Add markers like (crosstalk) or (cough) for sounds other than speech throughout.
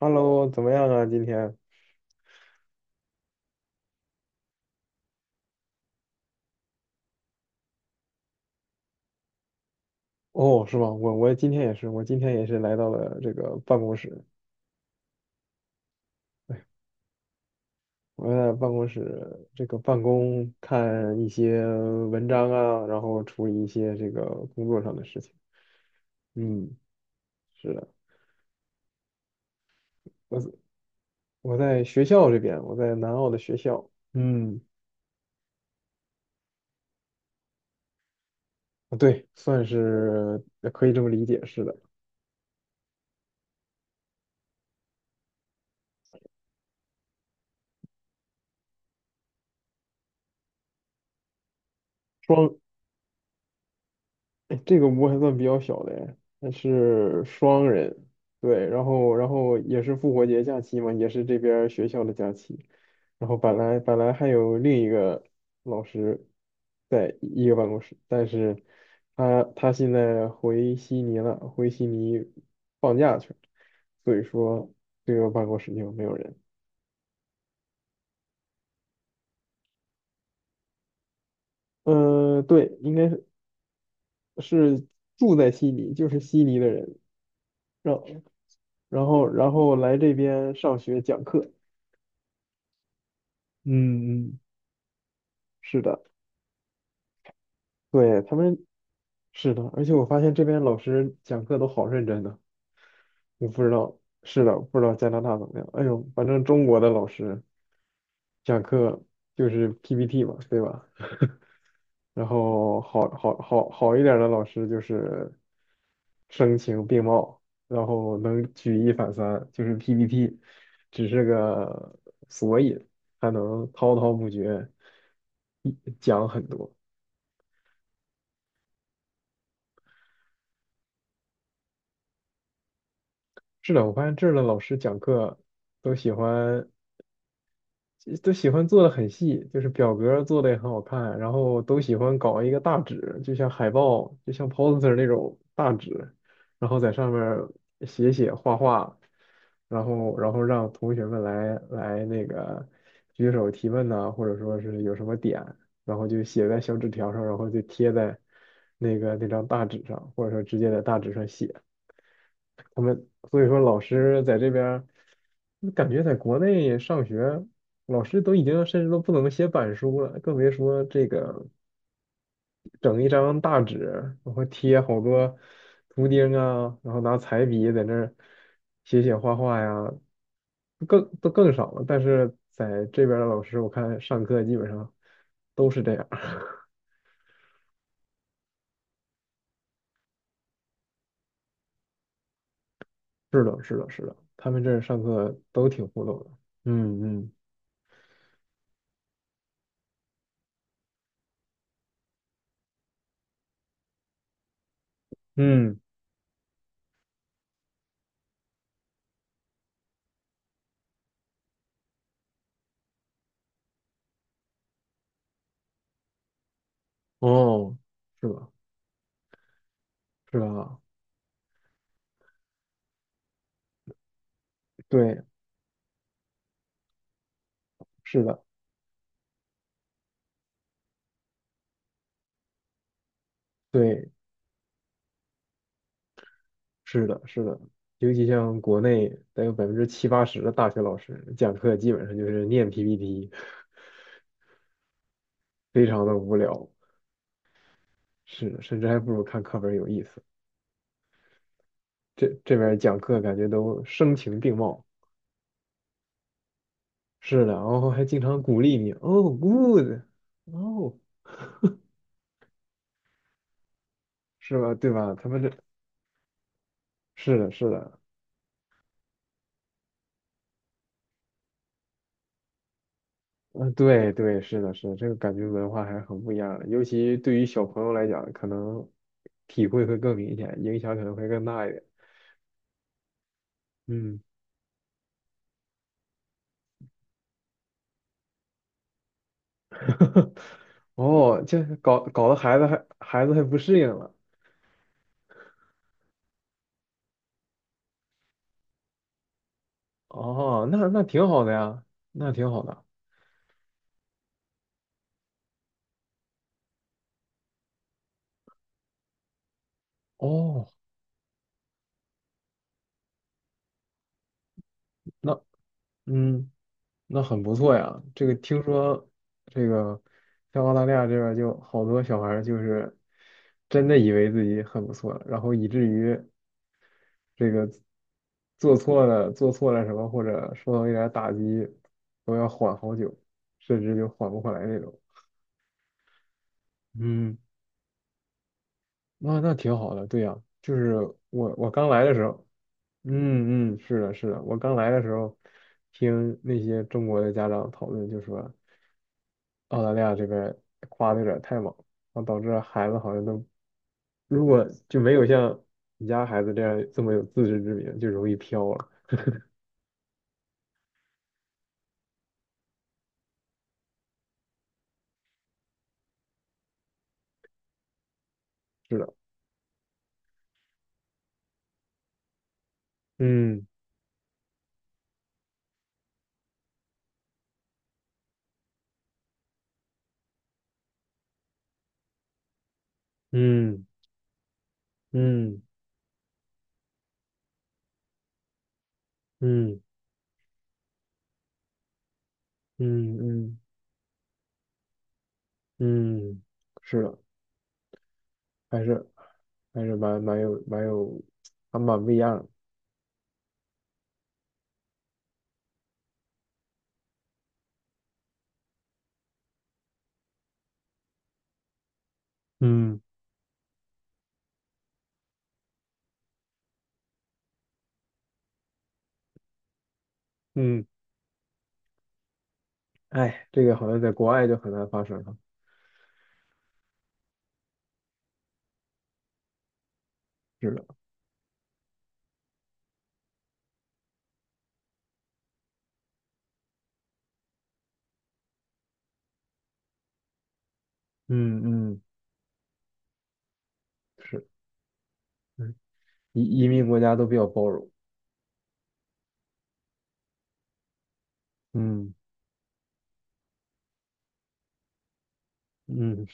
Hello，怎么样啊？今天？哦，是吗？我今天也是，我今天也是来到了这个办公室，我在办公室这个办公，看一些文章啊，然后处理一些这个工作上的事情。嗯，是的，我我在学校这边，我在南澳的学校。嗯，啊对，算是可以这么理解，是的。双。哎，这个屋还算比较小的哎，它是双人，对，然后也是复活节假期嘛，也是这边儿学校的假期，然后本来还有另一个老师在一个办公室，但是他现在回悉尼了，回悉尼放假去了，所以说这个办公室就没有人。嗯，对，应该是是住在悉尼，就是悉尼的人，让然后来这边上学讲课。嗯嗯，是的，对，他们是的，而且我发现这边老师讲课都好认真的，我不知道，是的，不知道加拿大怎么样。哎呦，反正中国的老师讲课就是 PPT 嘛，对吧？然后好一点儿的老师就是声情并茂，然后能举一反三，就是 PPT (laughs) 只是个索引，还能滔滔不绝一讲很多。是的，我发现这儿的老师讲课都喜欢，都喜欢做的很细，就是表格儿做的也很好看，然后都喜欢搞一个大纸，就像海报，就像 poster 那种大纸，然后在上面儿写写画画，然后让同学们来那个举手提问呐、或者说是有什么点，然后就写在小纸条上，然后就贴在那张大纸上，或者说直接在大纸上写。所以说老师在这边儿感觉在国内上学，老师都已经甚至都不能写板书了，更别说这个整一张大纸，然后贴好多图钉啊，然后拿彩笔在那儿写写画画呀，更都更少了。但是在这边儿的老师，我看上课基本上都是这样。(laughs) 是的，是的，是的，他们这儿上课都挺互动的。嗯嗯。嗯，哦，是吧？是吧？对，是的，对，是的，是的，尤其像国内得有百分之七八十的大学老师讲课基本上就是念 PPT，非常的无聊。是的，甚至还不如看课本有意思。这边讲课感觉都声情并茂，是的，然后还经常鼓励你，哦，good，哦，是吧？对吧？他们这是的，是的，嗯，对对，是的，是的，这个感觉文化还是很不一样的，尤其对于小朋友来讲，可能体会会更明显，影响可能会更大一点。嗯。(laughs) 哦，这搞得孩子还不适应了。哦，那挺好的呀，那挺好的。哦，那嗯，那很不错呀。这个听说这个像澳大利亚这边儿就好多小孩儿就是真的以为自己很不错了，然后以至于这个做错了什么，或者受到一点儿打击，都要缓好久，甚至就缓不过来那种。嗯。那挺好的，对呀、就是我刚来的时候，嗯嗯，是的，是的，我刚来的时候，听那些中国的家长讨论，就说澳大利亚这边夸的有点太猛，然后导致孩子好像都，如果就没有像你家孩子这样这么有自知之明，就容易飘了。是的，嗯，嗯，嗯，嗯，嗯，嗯，嗯，是的，还是还是蛮蛮有蛮有，还蛮不一样的。嗯。嗯，哎，这个好像在国外就很难发生了。是的，嗯嗯，是，嗯，移民国家都比较包容。嗯嗯，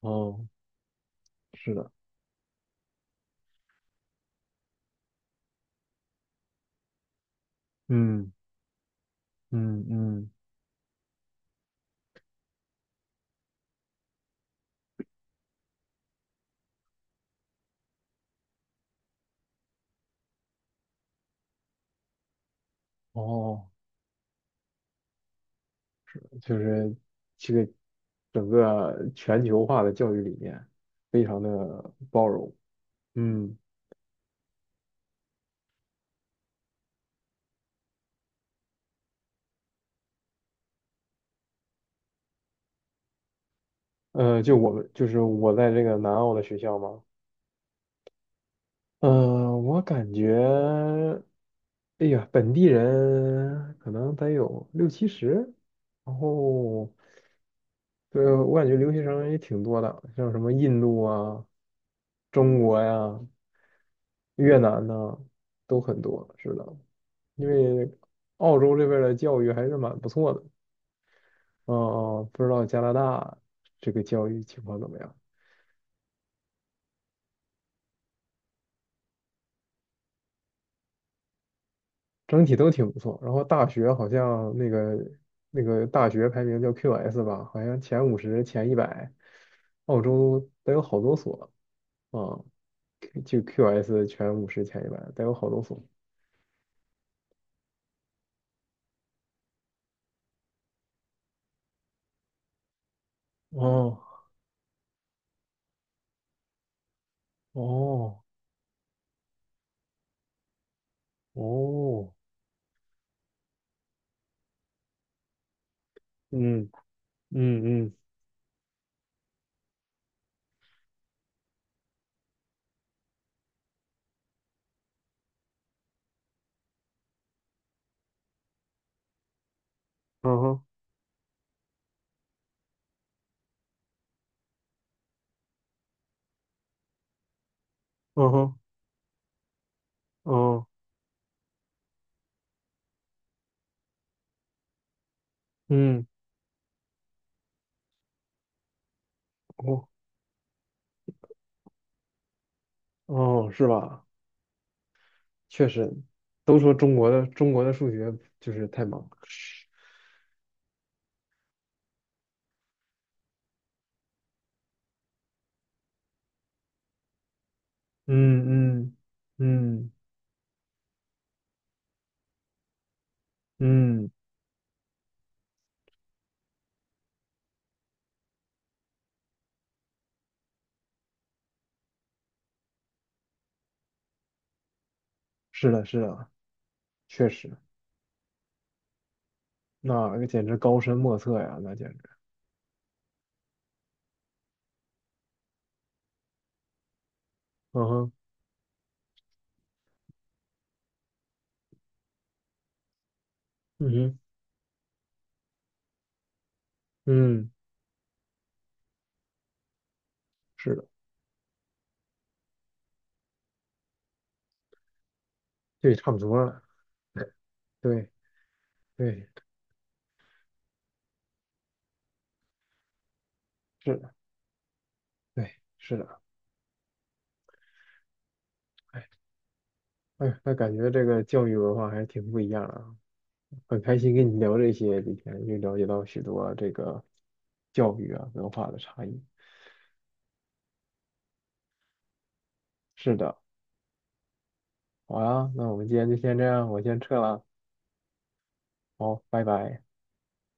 哦，是的，嗯嗯嗯，哦，就是这个整个全球化的教育理念非常的包容。嗯，就我们就是我在这个南澳的学校嘛，嗯，我感觉，哎呀，本地人可能得有六七十，然后，对，我感觉留学生也挺多的，像什么印度啊、中国呀、越南呐、都很多，是的，因为澳洲这边儿的教育还是蛮不错的。嗯嗯，不知道加拿大这个教育情况怎么样？整体都挺不错。然后大学好像那个大学排名叫 QS 吧，好像前五十、前一百，澳洲得有好多所啊，就 QS 前五十、前一百得有好多所。哦，哦，哦，嗯，嗯，嗯，嗯哼，嗯哼，哦，嗯，哦，哦，是吧？确实，都说中国的数学就是太忙。嗯，嗯，嗯，嗯，是的，是的。确实，那简直高深莫测呀，那简直，嗯哼，嗯哼，嗯，是的，对，差不多了，对，对，是的，对，是的，哎，哎呀那感觉这个教育文化还是挺不一样啊，很开心跟你聊这些，今天又了解到许多这个教育啊文化的差异。是的，好啊，那我们今天就先这样，我先撤了，好，拜拜。